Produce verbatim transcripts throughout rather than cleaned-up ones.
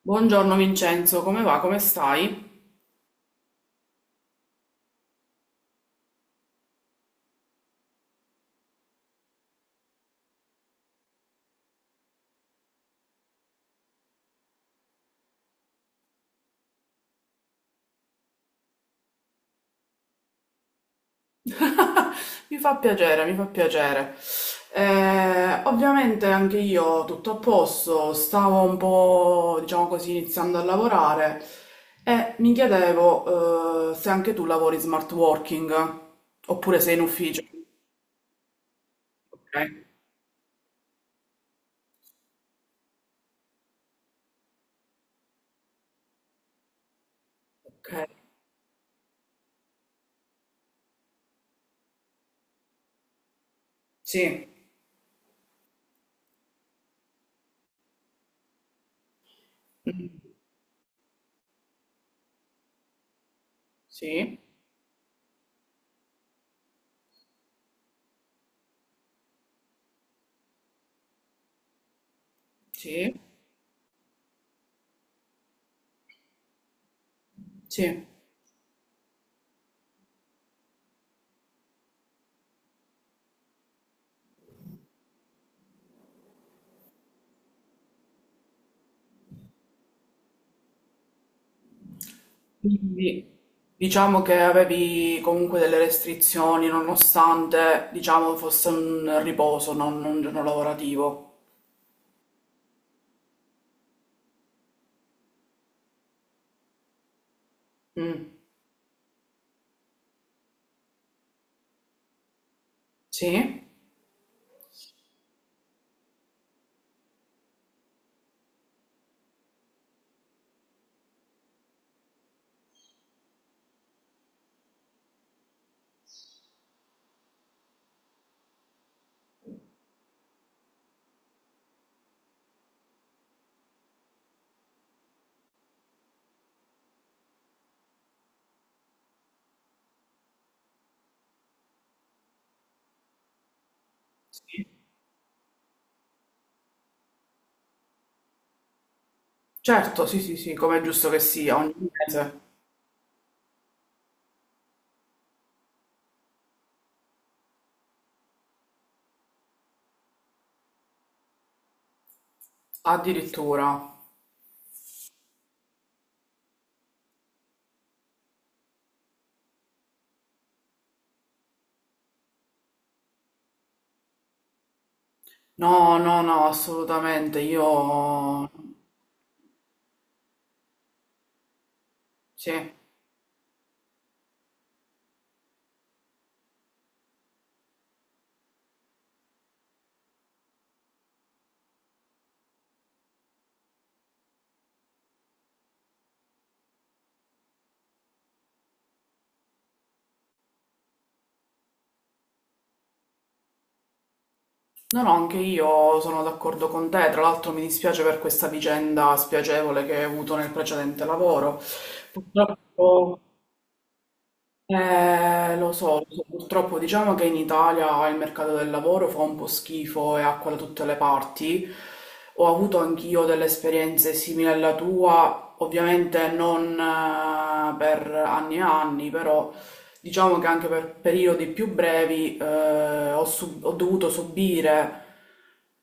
Buongiorno Vincenzo, come va? Come stai? Mi fa piacere, mi fa piacere. Eh, ovviamente anche io tutto a posto, stavo un po', diciamo così, iniziando a lavorare e mi chiedevo, eh, se anche tu lavori smart working oppure sei in ufficio. Ok, ok. Sì, sì, sì, sì. Quindi diciamo che avevi comunque delle restrizioni nonostante diciamo fosse un riposo, non un giorno lavorativo. Mm. Sì? Sì. Certo, sì, sì, sì, come è giusto che sia, ogni mese. Addirittura. No, no, no, assolutamente, io. Sì. No, no, anche io sono d'accordo con te. Tra l'altro mi dispiace per questa vicenda spiacevole che hai avuto nel precedente lavoro. Purtroppo. Eh, lo so, lo so. purtroppo diciamo che in Italia il mercato del lavoro fa un po' schifo e acqua da tutte le parti. Ho avuto anch'io delle esperienze simili alla tua, ovviamente non eh, per anni e anni, però. Diciamo che anche per periodi più brevi eh, ho, sub- ho dovuto subire,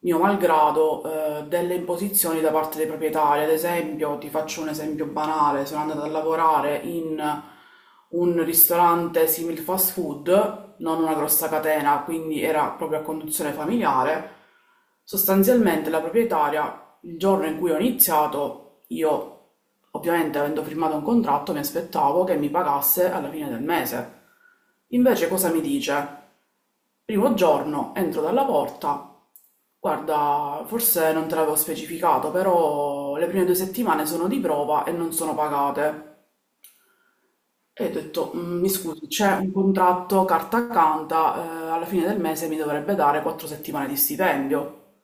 mio malgrado, eh, delle imposizioni da parte dei proprietari. Ad esempio, ti faccio un esempio banale, sono andata a lavorare in un ristorante simil fast food, non una grossa catena, quindi era proprio a conduzione familiare. Sostanzialmente la proprietaria, il giorno in cui ho iniziato, io ovviamente avendo firmato un contratto mi aspettavo che mi pagasse alla fine del mese. Invece cosa mi dice? Primo giorno entro dalla porta, guarda, forse non te l'avevo specificato, però le prime due settimane sono di prova e non sono pagate. E ho detto, "Mm, mi scusi, c'è un contratto carta canta, eh, alla fine del mese mi dovrebbe dare quattro settimane di stipendio."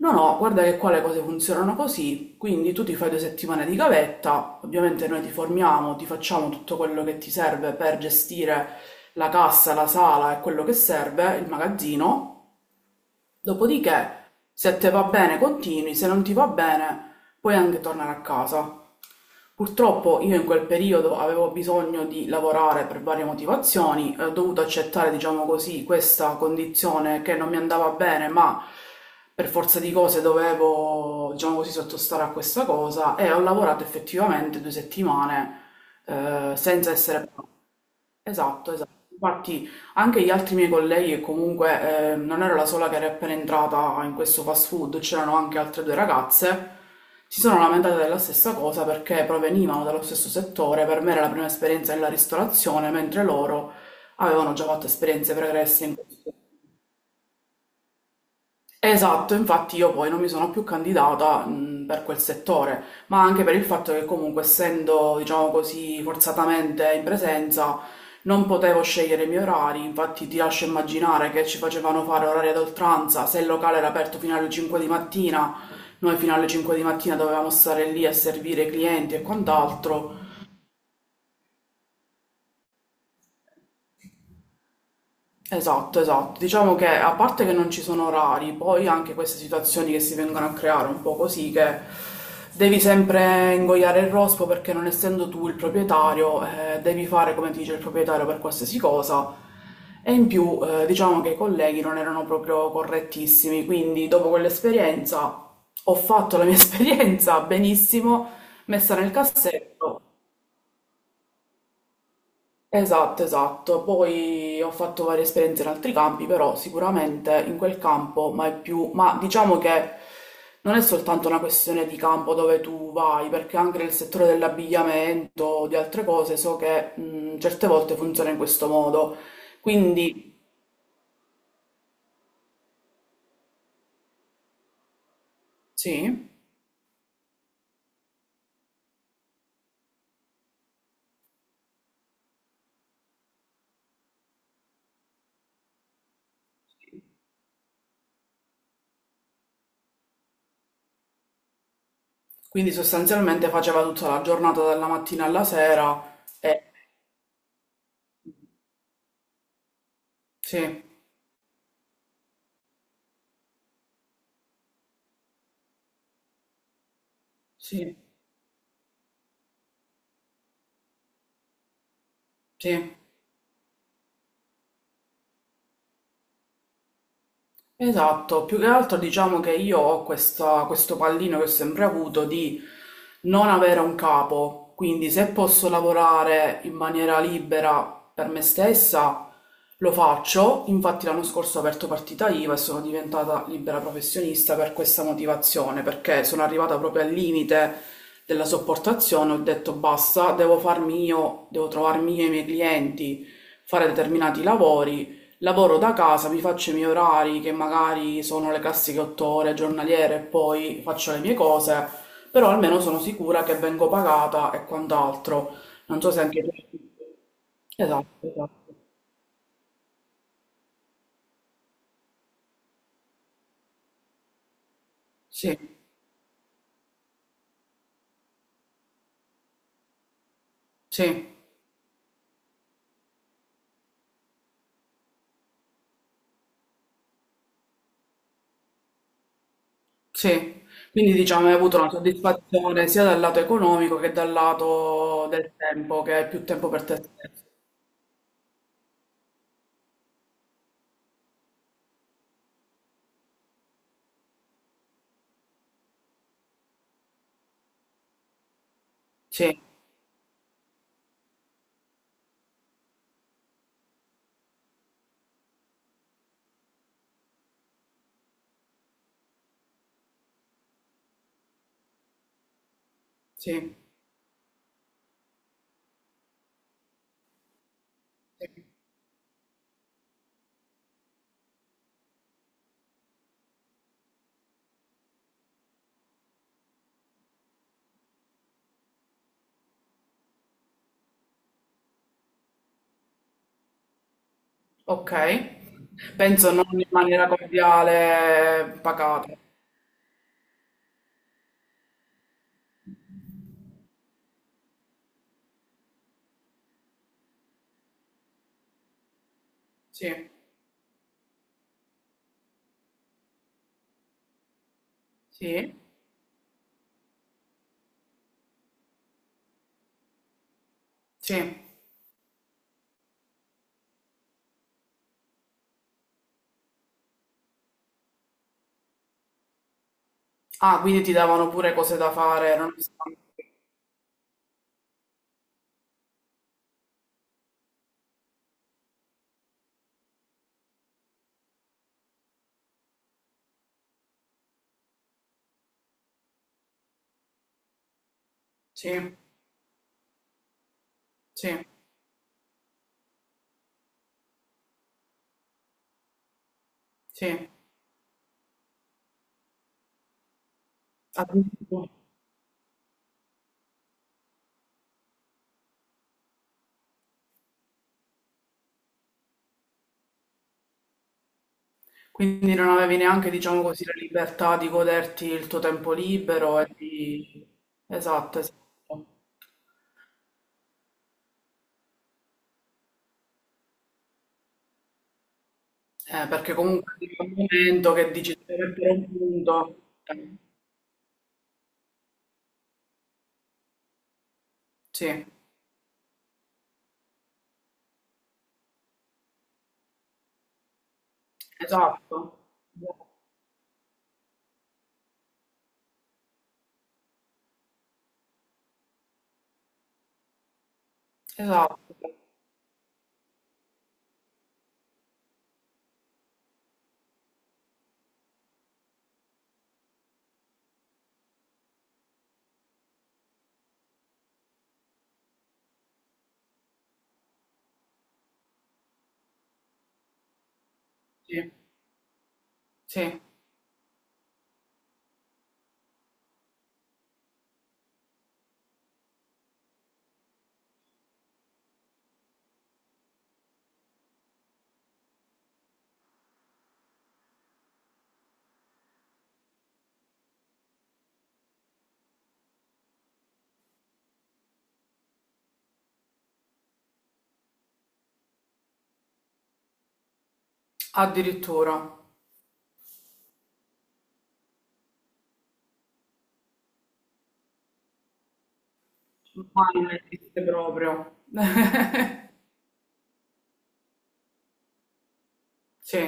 No, no, guarda che qua le cose funzionano così, quindi tu ti fai due settimane di gavetta, ovviamente noi ti formiamo, ti facciamo tutto quello che ti serve per gestire la cassa, la sala e quello che serve, il magazzino, dopodiché se te va bene continui, se non ti va bene puoi anche tornare a casa. Purtroppo io in quel periodo avevo bisogno di lavorare per varie motivazioni, eh, ho dovuto accettare, diciamo così, questa condizione che non mi andava bene, ma per forza di cose dovevo, diciamo così, sottostare a questa cosa e ho lavorato effettivamente due settimane, eh, senza essere. Esatto, esatto. Infatti anche gli altri miei colleghi, e comunque eh, non ero la sola che era appena entrata in questo fast food, c'erano anche altre due ragazze, si sono lamentate della stessa cosa perché provenivano dallo stesso settore, per me era la prima esperienza nella ristorazione, mentre loro avevano già fatto esperienze pregresse in questo. Esatto, infatti io poi non mi sono più candidata, mh, per quel settore, ma anche per il fatto che comunque essendo, diciamo così, forzatamente in presenza, non potevo scegliere i miei orari, infatti ti lascio immaginare che ci facevano fare orari ad oltranza, se il locale era aperto fino alle cinque di mattina, noi fino alle cinque di mattina dovevamo stare lì a servire i clienti e quant'altro. Esatto, esatto. Diciamo che a parte che non ci sono orari, poi anche queste situazioni che si vengono a creare un po' così, che devi sempre ingoiare il rospo perché non essendo tu il proprietario, eh, devi fare come ti dice il proprietario per qualsiasi cosa. E in più, eh, diciamo che i colleghi non erano proprio correttissimi, quindi dopo quell'esperienza ho fatto la mia esperienza benissimo, messa nel cassetto. Esatto, esatto. Poi ho fatto varie esperienze in altri campi, però sicuramente in quel campo, ma è più, ma diciamo che non è soltanto una questione di campo dove tu vai, perché anche nel settore dell'abbigliamento, di altre cose, so che mh, certe volte funziona in questo modo. Quindi, sì, quindi sostanzialmente faceva tutta la giornata dalla mattina alla sera e. Sì, sì, sì. Esatto, più che altro diciamo che io ho questa- questo pallino che ho sempre avuto di non avere un capo, quindi se posso lavorare in maniera libera per me stessa lo faccio, infatti l'anno scorso ho aperto partita IVA e sono diventata libera professionista per questa motivazione, perché sono arrivata proprio al limite della sopportazione, ho detto basta, devo farmi io, devo trovarmi io i miei clienti, fare determinati lavori. Lavoro da casa, mi faccio i miei orari che magari sono le classiche otto ore giornaliere e poi faccio le mie cose, però almeno sono sicura che vengo pagata e quant'altro. Non so se anche tu. Esatto, esatto. Sì, sì, sì. Quindi diciamo hai avuto una soddisfazione sia dal lato economico che dal lato del tempo, che è più tempo per te stesso. Sì, sì, sì. Ok. Penso non in maniera cordiale pagata. Sì. Sì, sì. Ah, quindi ti davano pure cose da fare, nonostante. Sì, sì, sì. Addirittura. Quindi non avevi neanche, diciamo così, la libertà di goderti il tuo tempo libero e di. Esatto, esatto. Eh, perché comunque arriva un momento che dici sarebbe un punto. Eh, Sì, esatto. Esatto, sì, sì. Addirittura. Ma non esiste proprio. Sì,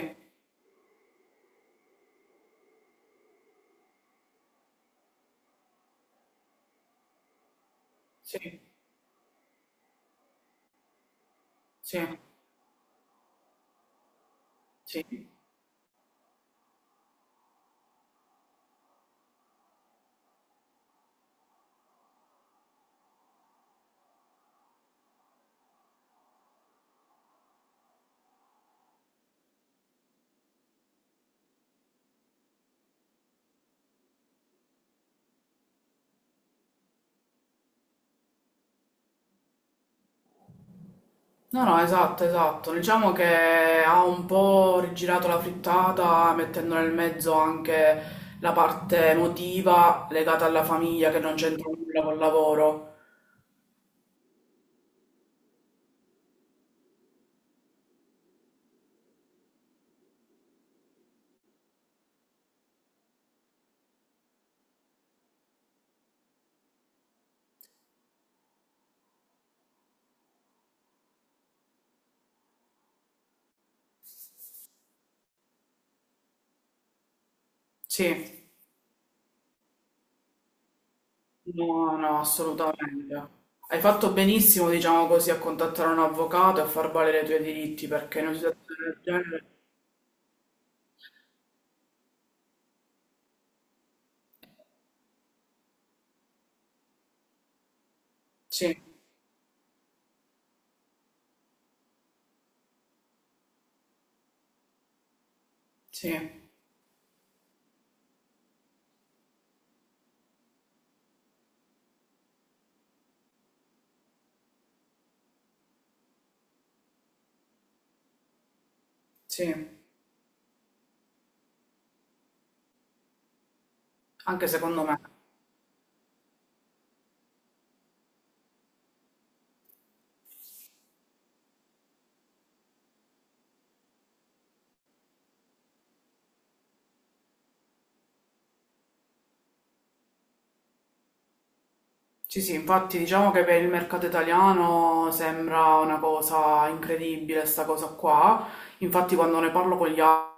sì, sì. Sì. No, no, esatto, esatto. Diciamo che ha un po' rigirato la frittata, mettendo nel mezzo anche la parte emotiva legata alla famiglia che non c'entra nulla col lavoro. Sì, no, no, assolutamente. Hai fatto benissimo, diciamo così, a contattare un avvocato e a far valere i tuoi diritti, perché in una situazione del genere. Sì, sì, sì, anche secondo me. Sì, sì, infatti diciamo che per il mercato italiano sembra una cosa incredibile sta cosa qua, infatti quando ne parlo con gli altri